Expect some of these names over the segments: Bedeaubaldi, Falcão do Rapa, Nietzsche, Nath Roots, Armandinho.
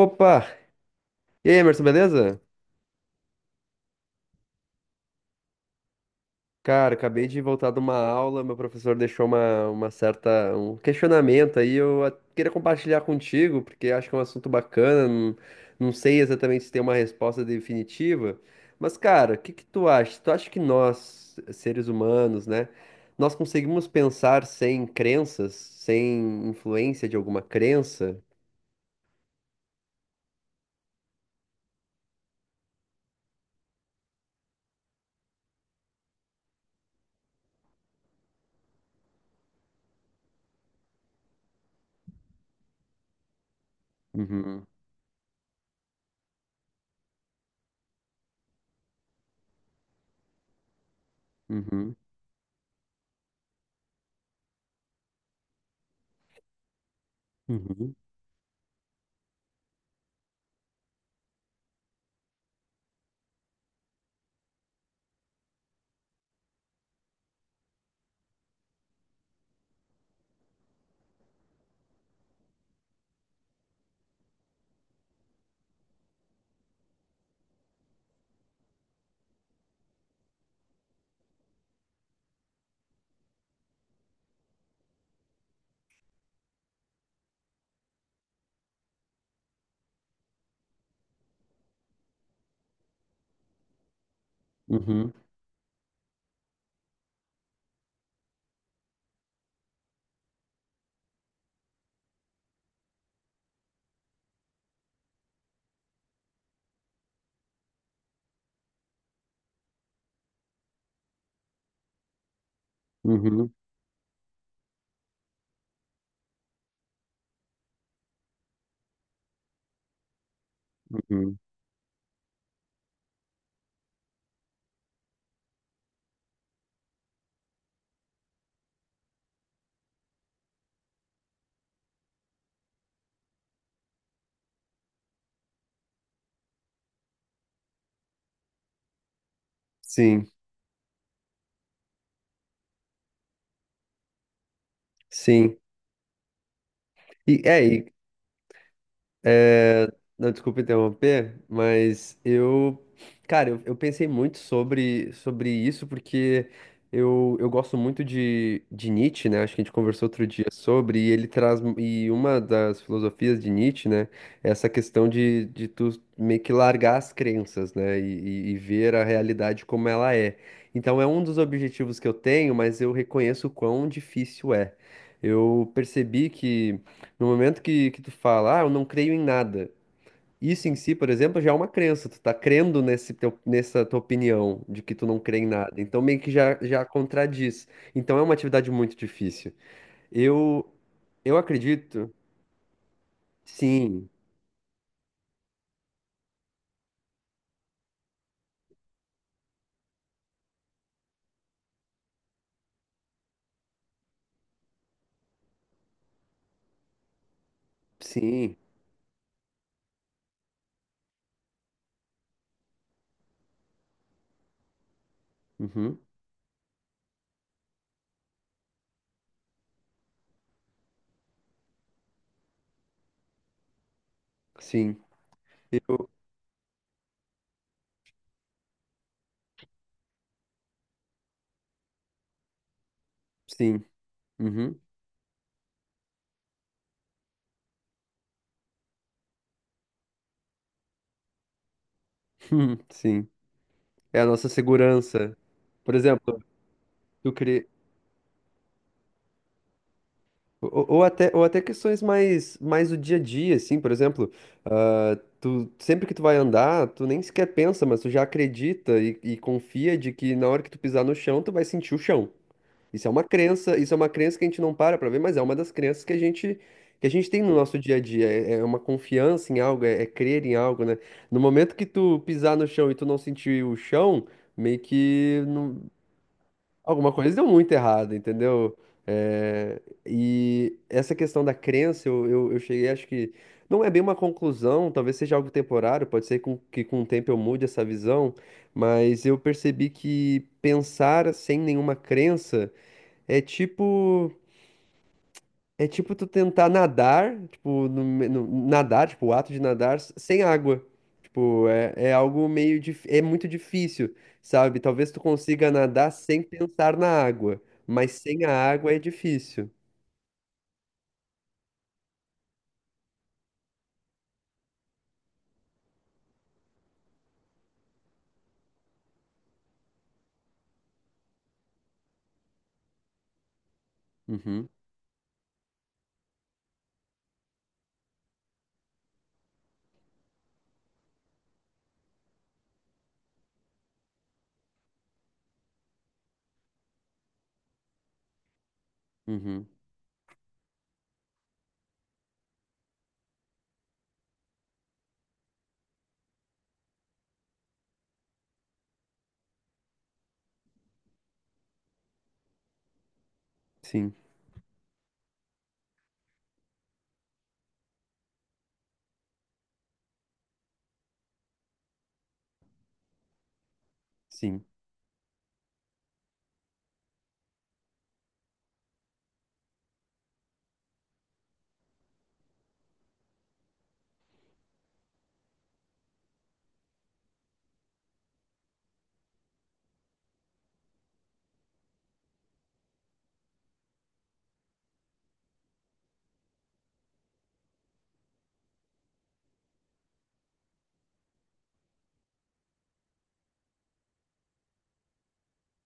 Opa! E aí, Emerson, beleza? Cara, acabei de voltar de uma aula, meu professor deixou um questionamento aí, queria compartilhar contigo, porque acho que é um assunto bacana, não sei exatamente se tem uma resposta definitiva, mas cara, o que que tu acha? Tu acha que nós, seres humanos, né, nós conseguimos pensar sem crenças, sem influência de alguma crença? Uhum, uhum, uhum, uhum, uhum, uhum. Sim, sim. E, é, não, desculpa interromper, mas cara, eu pensei muito sobre isso, porque eu gosto muito de Nietzsche, né? Acho que a gente conversou outro dia sobre, e ele traz, e uma das filosofias de Nietzsche, né, é essa questão de tu meio que largar as crenças, né, e ver a realidade como ela é. Então é um dos objetivos que eu tenho, mas eu reconheço o quão difícil é. Eu percebi que no momento que tu fala, ah, eu não creio em nada. Isso em si, por exemplo, já é uma crença. Tu tá crendo nesse nessa tua opinião de que tu não crê em nada. Então meio que já contradiz. Então é uma atividade muito difícil. Eu, eu acredito. Sim, sim, uhum, sim, eu, sim, uhum, sim. É a nossa segurança. Por exemplo, tu crê, ou até questões mais do dia a dia, assim, por exemplo, ah, tu, sempre que tu vai andar, tu nem sequer pensa, mas tu já acredita e confia de que na hora que tu pisar no chão, tu vai sentir o chão. Isso é uma crença, isso é uma crença que a gente não para pra ver, mas é uma das crenças que que a gente tem no nosso dia a dia. É, é uma confiança em algo, é, é crer em algo, né? No momento que tu pisar no chão e tu não sentir o chão, meio que não, alguma coisa deu muito errado, entendeu? É, e essa questão da crença, eu cheguei, acho que não é bem uma conclusão, talvez seja algo temporário, pode ser que com o tempo eu mude essa visão, mas eu percebi que pensar sem nenhuma crença é tipo. É tipo tu tentar nadar, tipo, nadar, tipo, o ato de nadar sem água. Tipo, é, é algo meio é muito difícil, sabe? Talvez tu consiga nadar sem pensar na água, mas sem a água é difícil. Uhum, uhum. Sim, sim,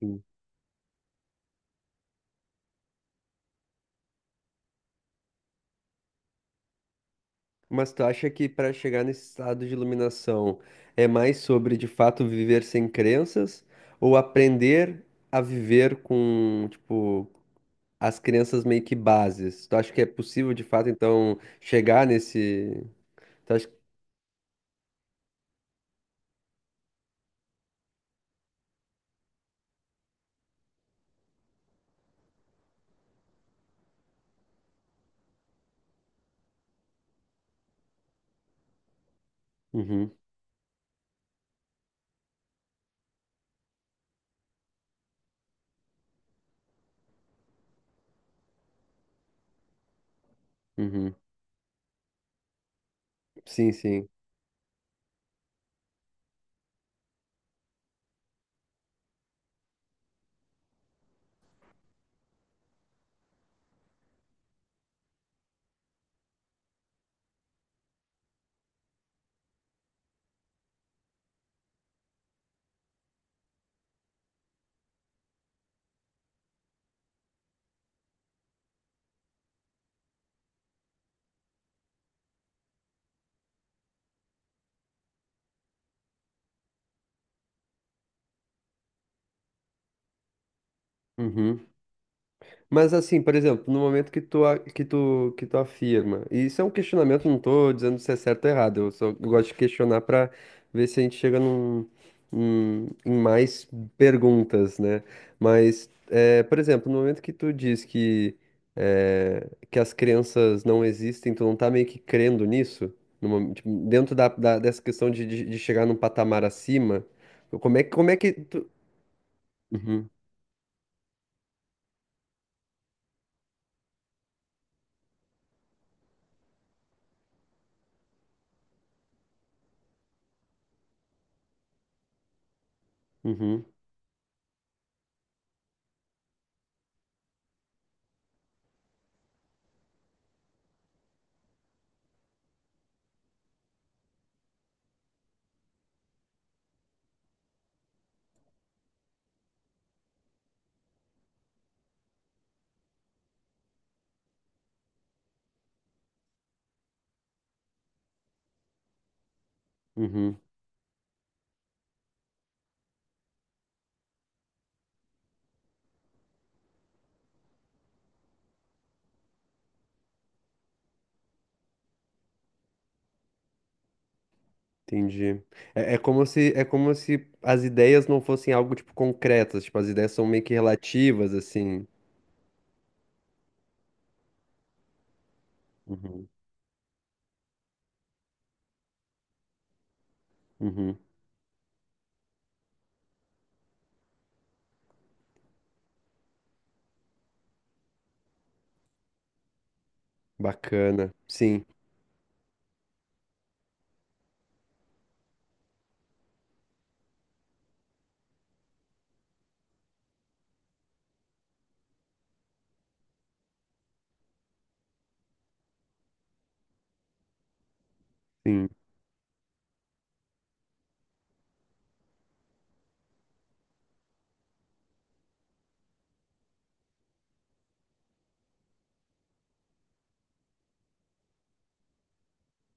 sim. Mas tu acha que para chegar nesse estado de iluminação é mais sobre de fato viver sem crenças ou aprender a viver com, tipo, as crianças meio que bases. Tu acha que é possível, de fato, então, chegar nesse. Tu acha... Uhum, uhum. Sim, sim. Uhum. Mas assim, por exemplo, no momento que tu, a- que tu afirma, e isso é um questionamento, não tô dizendo se é certo ou errado, eu só gosto de questionar pra ver se a gente chega num, em mais perguntas, né? Mas, é, por exemplo, no momento que tu diz que, é, que as crenças não existem, tu não tá meio que crendo nisso, No mom- tipo, dentro dessa questão de chegar num patamar acima, como é, como é que tu... Uhum, uhum, uhum. Entendi. É, é como se as ideias não fossem algo, tipo, concretas. Tipo, as ideias são meio que relativas, assim. Uhum. Uhum. Bacana. Sim, sim.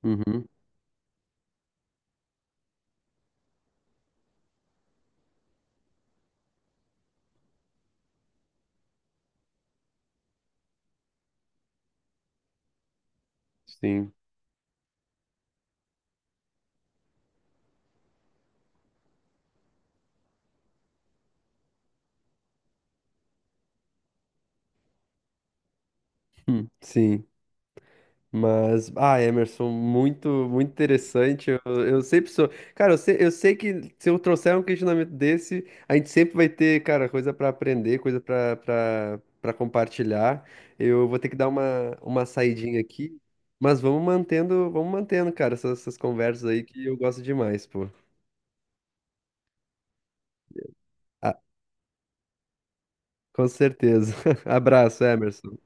Uhum. Sim. Sim. Mas, ah, Emerson, muito, muito interessante. Eu sempre sou. Cara, eu sei que se eu trouxer um questionamento desse, a gente sempre vai ter, cara, coisa para aprender, coisa para compartilhar. Eu vou ter que dar uma saidinha aqui, mas vamos mantendo, cara, essas conversas aí que eu gosto demais, pô. Ah, com certeza. Abraço, Emerson.